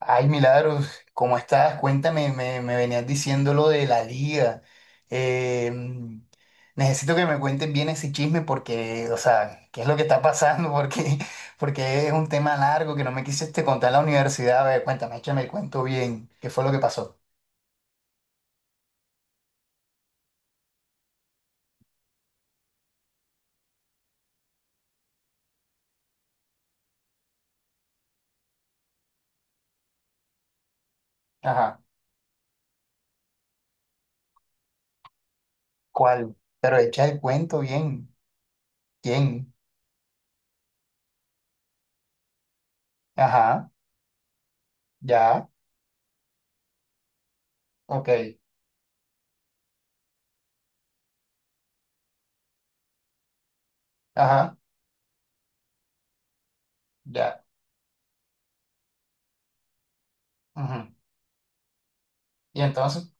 Ay, Milagros, ¿cómo estás? Cuéntame, me venías diciendo lo de la liga. Eh, mm, necesito que me cuentes bien ese chisme porque, o sea, ¿qué es lo que está pasando? Porque es un tema largo que no me quisiste contar en la universidad. A ver, cuéntame, échame el cuento bien. ¿Qué fue lo que pasó? Ajá. ¿Cuál? Pero echa el cuento bien. ¿Quién? Ajá. Ya. Ok. Ajá. Ya. Ujú. Y entonces,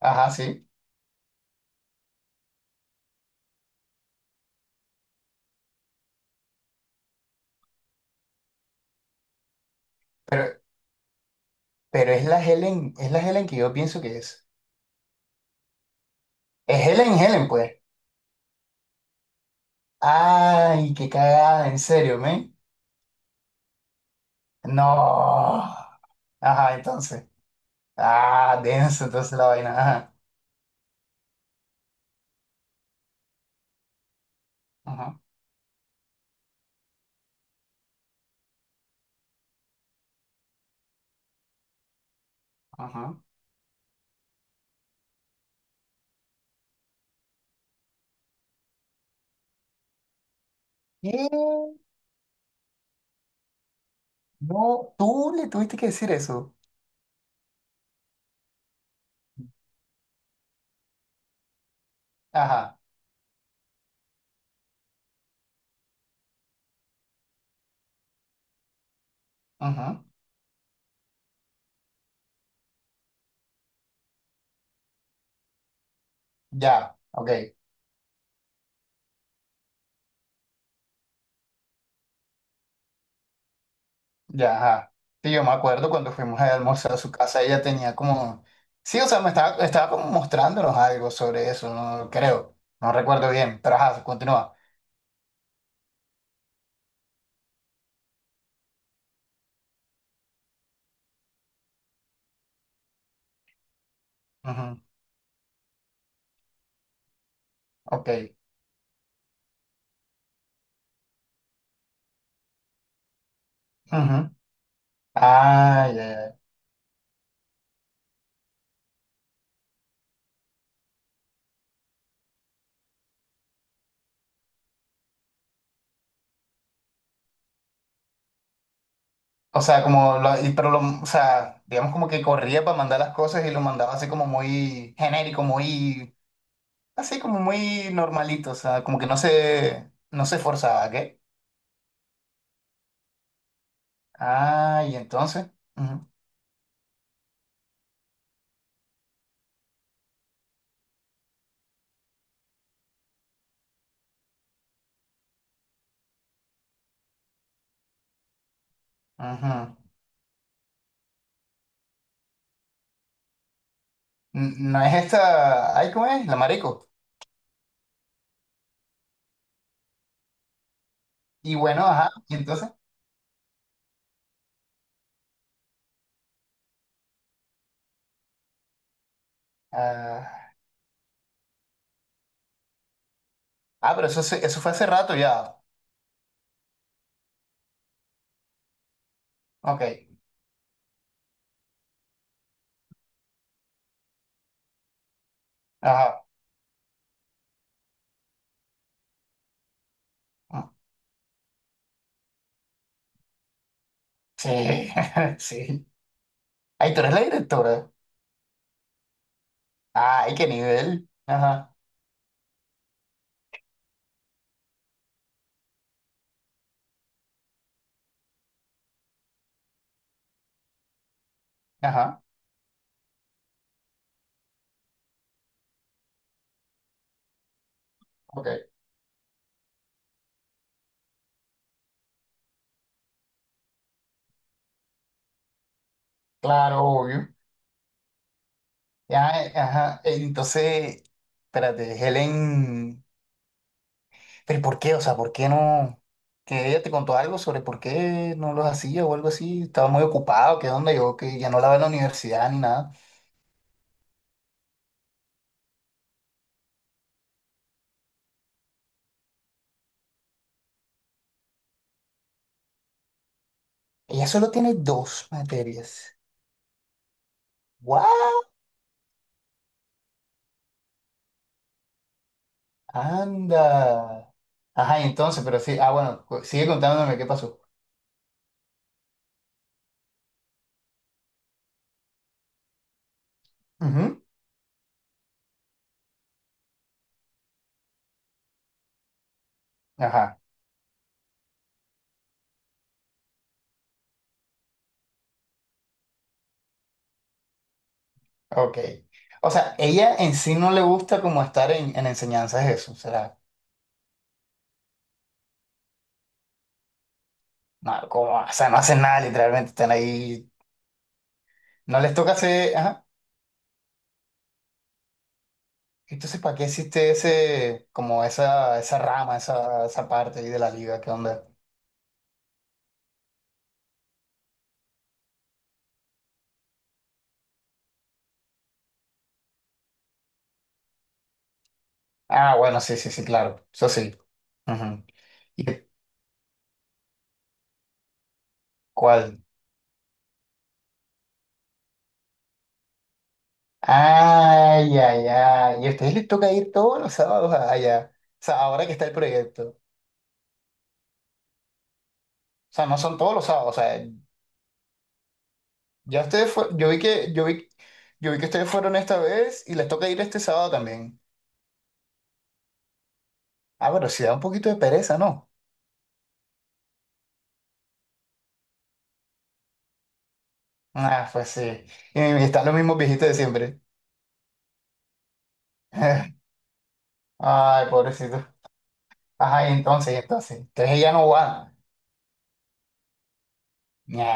ajá, sí. Pero, pero es la Helen que yo pienso que es. Es Helen Helen, pues. Ay, qué cagada, en serio, men. No. Ajá, entonces. Ah, denso, entonces la vaina. Ajá. Ajá, ajá. ¿Qué? No, tú le tuviste que decir eso. Ajá, ajá. Ya, ok, ya, ajá. Sí, yo me acuerdo cuando fuimos a almorzar a su casa, ella tenía como. Sí, o sea, estaba como mostrándonos algo sobre eso, no creo. No recuerdo bien, pero ajá, continúa. Ajá, ok. Ajá. Ay, ay, ay. O sea, como, lo- y- pero lo, o sea, digamos como que corría para mandar las cosas y lo mandaba así como muy genérico, así como muy normalito, o sea, como que no se esforzaba, ¿qué? Ah, y entonces, ujú, ujú. N- No es esta, ay, ¿cómo es? La marico. Y bueno, ajá, y entonces, ah, ah, pero eso, se- eso fue hace rato ya, ok, ajá, mm, sí, sí. Ay, tú eres la directora, ay, qué nivel, ajá, ajá, ok, claro, obvio. Ya, ajá. Entonces, espérate, Helen, pero ¿por qué? O sea, ¿por qué no? Que ella te contó algo sobre por qué no los hacía o algo así. Estaba muy ocupado, que dónde yo, que ya no la veo en la universidad ni nada. Ella solo tiene dos materias. ¡Guau! Anda. Ajá, y entonces, pero sí, ah, bueno, cu- sigue contándome qué pasó. Ujú. Ajá, ok. O sea, ella en sí no le gusta como estar en enseñanzas eso. O sea, no, como, o sea, no hacen nada, literalmente están ahí. No les toca hacer, ajá. Entonces, ¿para qué existe ese, como esa rama, esa parte ahí de la liga? ¿Qué onda? Ah, bueno, sí, sí, sí, claro. Eso sí. Ujú. ¿Y cuál? Ay, ay, ay. ¿Y a ustedes les toca ir todos los sábados allá? O sea, ahora que está el proyecto. O sea, no son todos los sábados. O sea, ya ustedes fue, yo vi que ustedes fueron esta vez y les toca ir este sábado también. Ah, pero sí da un poquito de pereza, ¿no? Ah, pues sí. Y están los mismos viejitos de siempre. Ay, pobrecito. Ajá, y entonces, y entonces. Entonces ella no va. Ñe.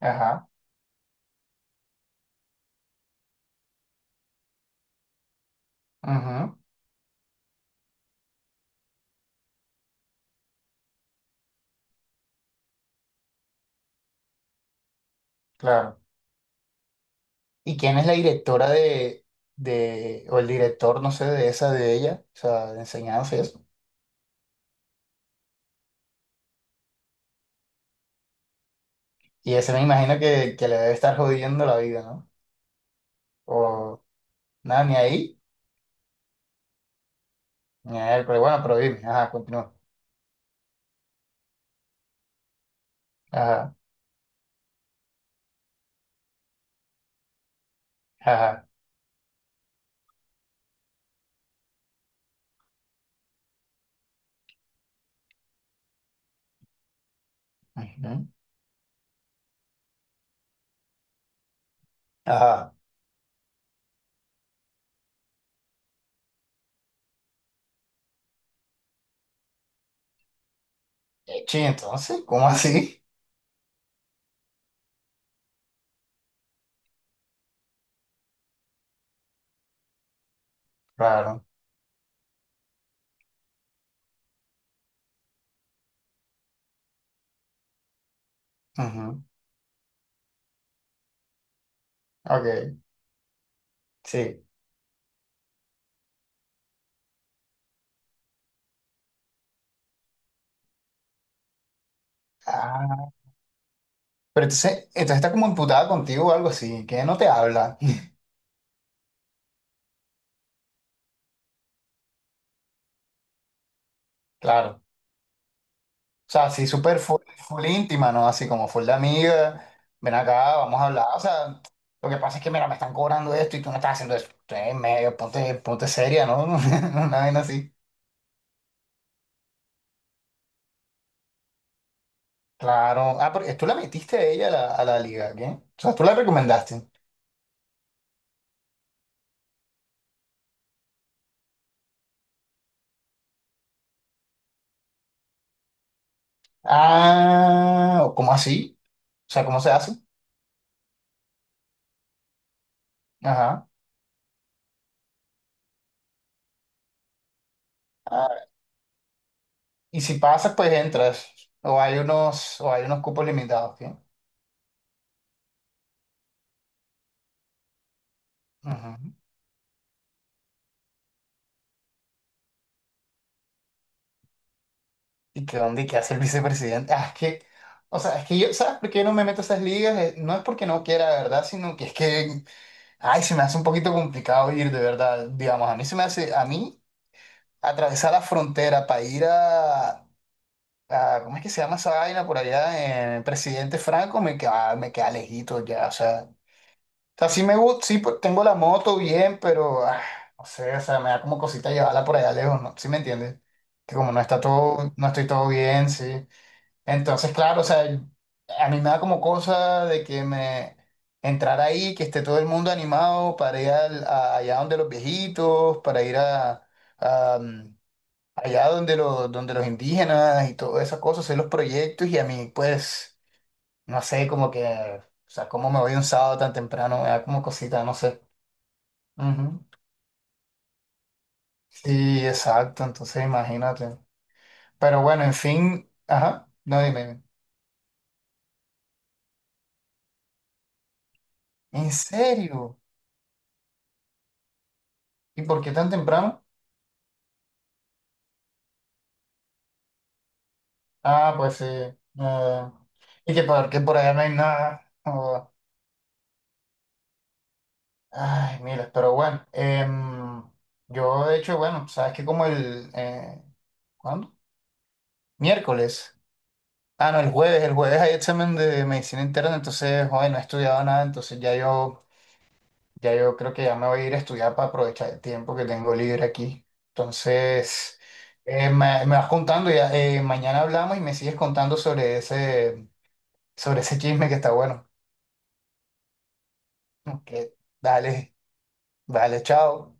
Ajá. Ujú, claro. ¿Y quién es la directora de, o el director, no sé, de esa de ella? O sea, de enseñanza y eso. Y ese me imagino que le debe estar jodiendo la vida, ¿no? O nada, ni ahí, ni a él, pero bueno, pero dime, ajá, continúa. Ajá, ajá. Ujú, Ajá. Sí, entonces, ¿cómo así? Claro. Ujú, Ok, sí. Ah, pero entonces, entonces está como imputada contigo o algo así, que no te habla, claro. O sea, así súper full, full íntima, ¿no? Así como full de amiga, ven acá, vamos a hablar. O sea, lo que pasa es que, mira, me están cobrando esto y tú no estás haciendo eso. Entonces, medio, ponte seria, ¿no? Una vaina así. Claro. Ah, porque tú la metiste a ella a la liga, ¿qué? O sea, tú la recomendaste. Ah, ¿cómo así? O sea, ¿cómo se hace? Ajá. Ah, y si pasas, pues entras. O hay unos cupos limitados, ¿qué? Ujú. ¿Y que dónde y qué hace el vicepresidente? Ah, es que, o sea, es que yo, ¿sabes por qué no me meto a esas ligas? No es porque no quiera, de verdad, sino que es que, ay, se me hace un poquito complicado ir, de verdad. Digamos, a mí se me hace, a mí, atravesar la frontera para ir a- ¿cómo es que se llama esa vaina por allá? En Presidente Franco, me queda lejito ya, o sea. O sea, sí me gusta, sí, pues, tengo la moto bien, pero, ah, no sé, o sea, me da como cosita llevarla por allá lejos, ¿no? ¿Sí me entiendes? Que como no está todo, no estoy todo bien, sí. Entonces, claro, o sea, a mí me da como cosa de que me entrar ahí, que esté todo el mundo animado para ir al- a- allá donde los viejitos, para ir a, a, mm, allá donde los indígenas y todas esas cosas, hacer los proyectos y a mí, pues, no sé, como que, o sea, cómo me voy un sábado tan temprano, me da como cosita, no sé. Ujú. Sí, exacto, entonces imagínate. Pero bueno, en fin, ajá, no dime. Dime. ¿En serio? ¿Y por qué tan temprano? Ah, pues sí. No. Y que porque por allá no hay nada. No. Ay, mira, pero bueno. Yo, de hecho, bueno, sabes que como el. ¿Cuándo? Miércoles. Ah, no, el jueves. El jueves hay examen de medicina interna, entonces, hoy no he estudiado nada, entonces ya yo, ya yo creo que ya me voy a ir a estudiar para aprovechar el tiempo que tengo libre aquí. Entonces, me vas contando, ya, mañana hablamos y me sigues contando sobre ese chisme que está bueno. Ok, dale, vale, chao.